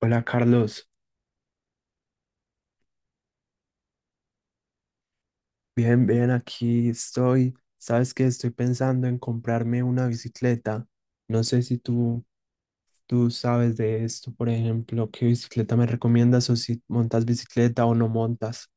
Hola Carlos, bien, bien, aquí estoy. Sabes que estoy pensando en comprarme una bicicleta. No sé si tú sabes de esto, por ejemplo, qué bicicleta me recomiendas o si montas bicicleta o no montas.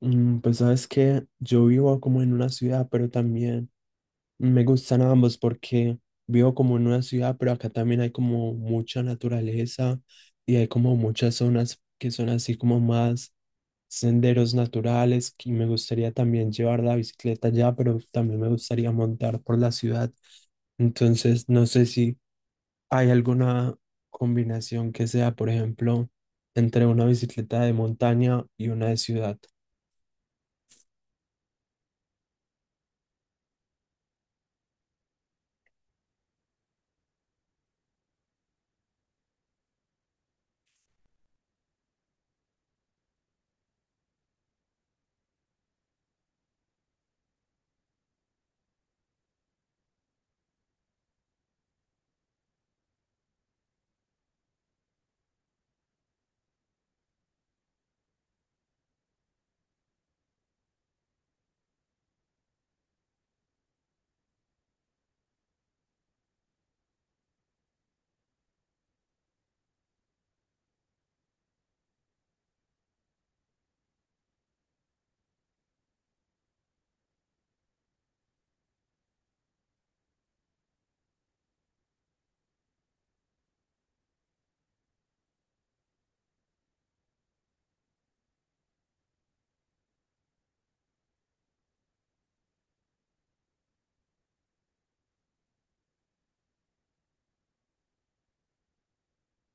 Pues sabes que yo vivo como en una ciudad, pero también me gustan ambos porque vivo como en una ciudad, pero acá también hay como mucha naturaleza y hay como muchas zonas que son así como más senderos naturales, y me gustaría también llevar la bicicleta allá, pero también me gustaría montar por la ciudad. Entonces, no sé si hay alguna combinación que sea, por ejemplo, entre una bicicleta de montaña y una de ciudad.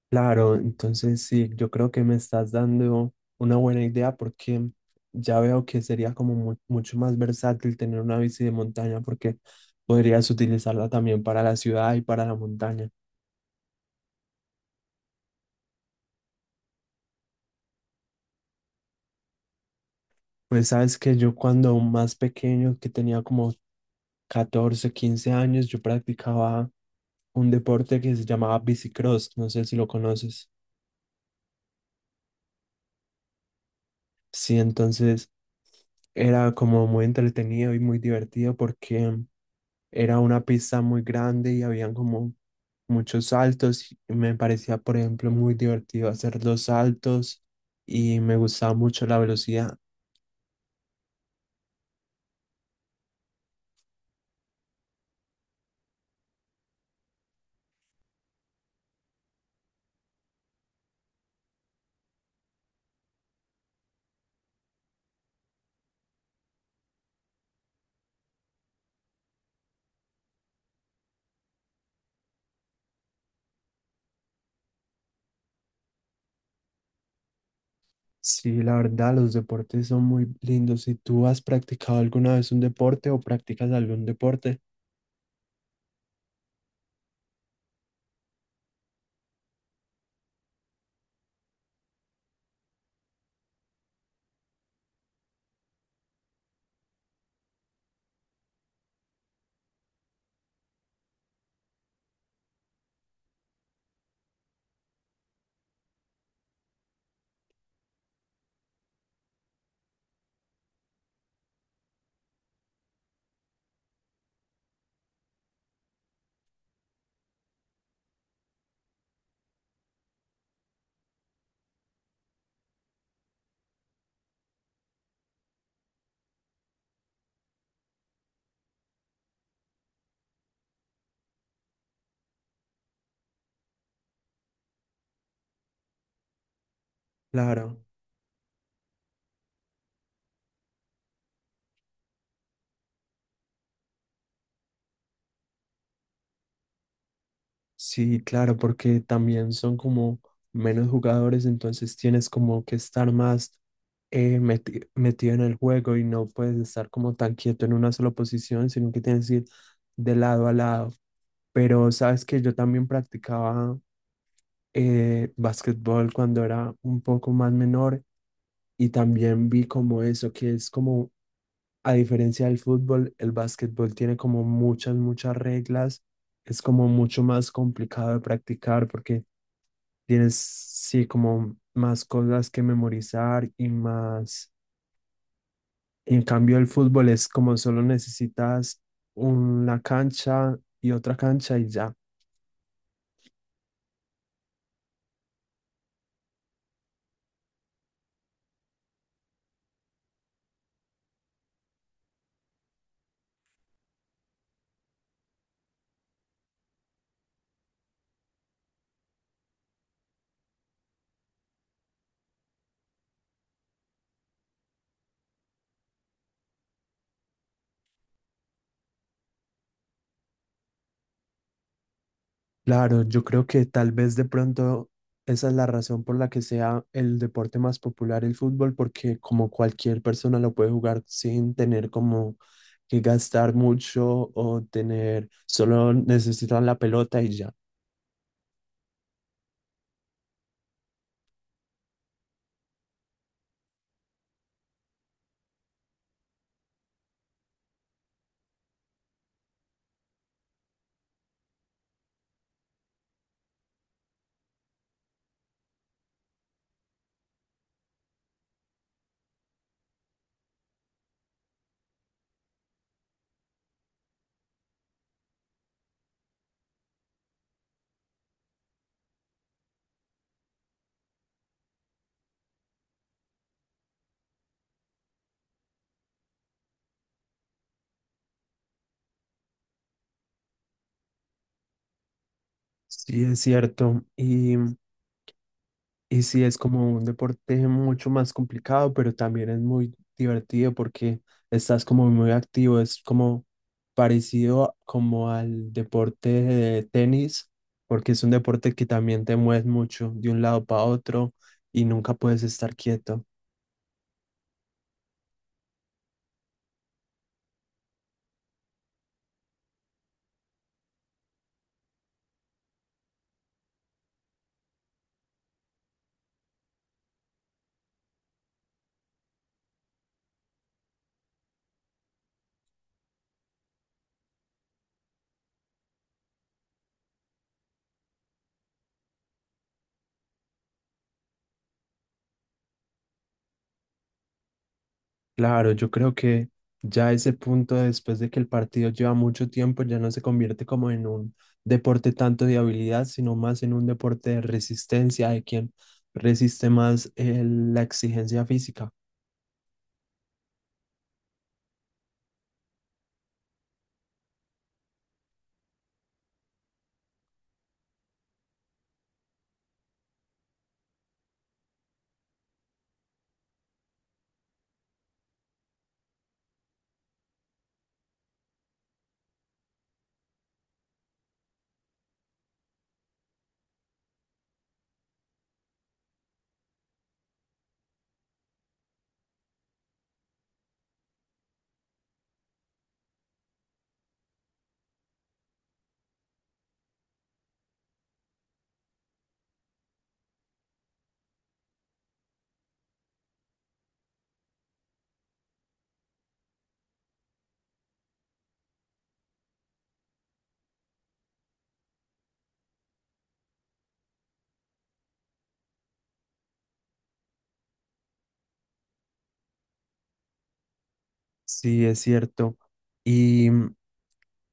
Claro, entonces sí, yo creo que me estás dando una buena idea, porque ya veo que sería como mucho más versátil tener una bici de montaña, porque podrías utilizarla también para la ciudad y para la montaña. Pues sabes que yo cuando más pequeño, que tenía como 14, 15 años, yo practicaba un deporte que se llamaba bicicross, no sé si lo conoces. Sí, entonces era como muy entretenido y muy divertido porque era una pista muy grande y habían como muchos saltos. Y me parecía, por ejemplo, muy divertido hacer los saltos, y me gustaba mucho la velocidad. Sí, la verdad, los deportes son muy lindos. Si tú has practicado alguna vez un deporte o practicas algún deporte, claro. Sí, claro, porque también son como menos jugadores, entonces tienes como que estar más metido en el juego y no puedes estar como tan quieto en una sola posición, sino que tienes que ir de lado a lado. Pero sabes que yo también practicaba básquetbol cuando era un poco más menor, y también vi como eso, que es como, a diferencia del fútbol, el básquetbol tiene como muchas, muchas reglas, es como mucho más complicado de practicar porque tienes, sí, como más cosas que memorizar y más. En cambio, el fútbol es como solo necesitas una cancha y otra cancha y ya. Claro, yo creo que tal vez de pronto esa es la razón por la que sea el deporte más popular el fútbol, porque como cualquier persona lo puede jugar sin tener como que gastar mucho o tener, solo necesitan la pelota y ya. Sí, es cierto. Y sí, es como un deporte mucho más complicado, pero también es muy divertido porque estás como muy activo, es como parecido como al deporte de tenis, porque es un deporte que también te mueves mucho de un lado para otro y nunca puedes estar quieto. Claro, yo creo que ya ese punto, después de que el partido lleva mucho tiempo, ya no se convierte como en un deporte tanto de habilidad, sino más en un deporte de resistencia, de quien resiste más la exigencia física. Sí, es cierto. Y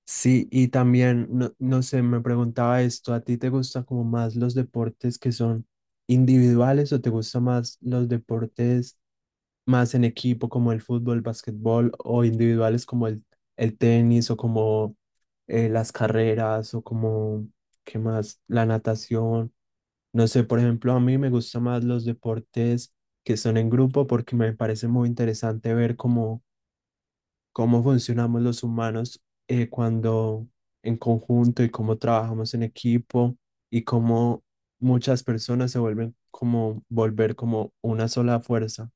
sí, y también, no, no sé, me preguntaba esto, ¿a ti te gustan como más los deportes que son individuales o te gustan más los deportes? Más en equipo como el fútbol, básquetbol, o individuales como el tenis o como las carreras o como, ¿qué más? La natación. No sé, por ejemplo, a mí me gustan más los deportes que son en grupo, porque me parece muy interesante ver cómo, cómo funcionamos los humanos cuando en conjunto, y cómo trabajamos en equipo, y cómo muchas personas se vuelven como volver como una sola fuerza.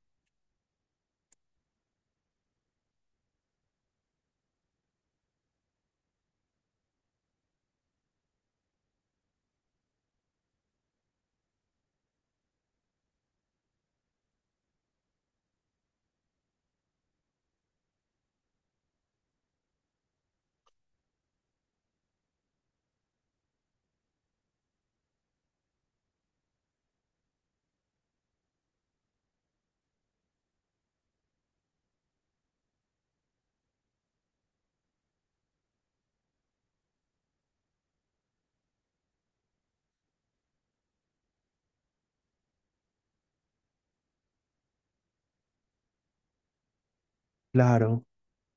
Claro.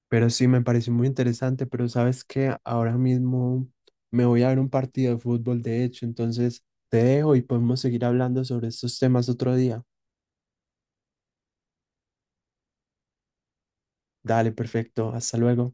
Pero sí, me pareció muy interesante, pero sabes que ahora mismo me voy a ver un partido de fútbol, de hecho, entonces te dejo y podemos seguir hablando sobre estos temas otro día. Dale, perfecto, hasta luego.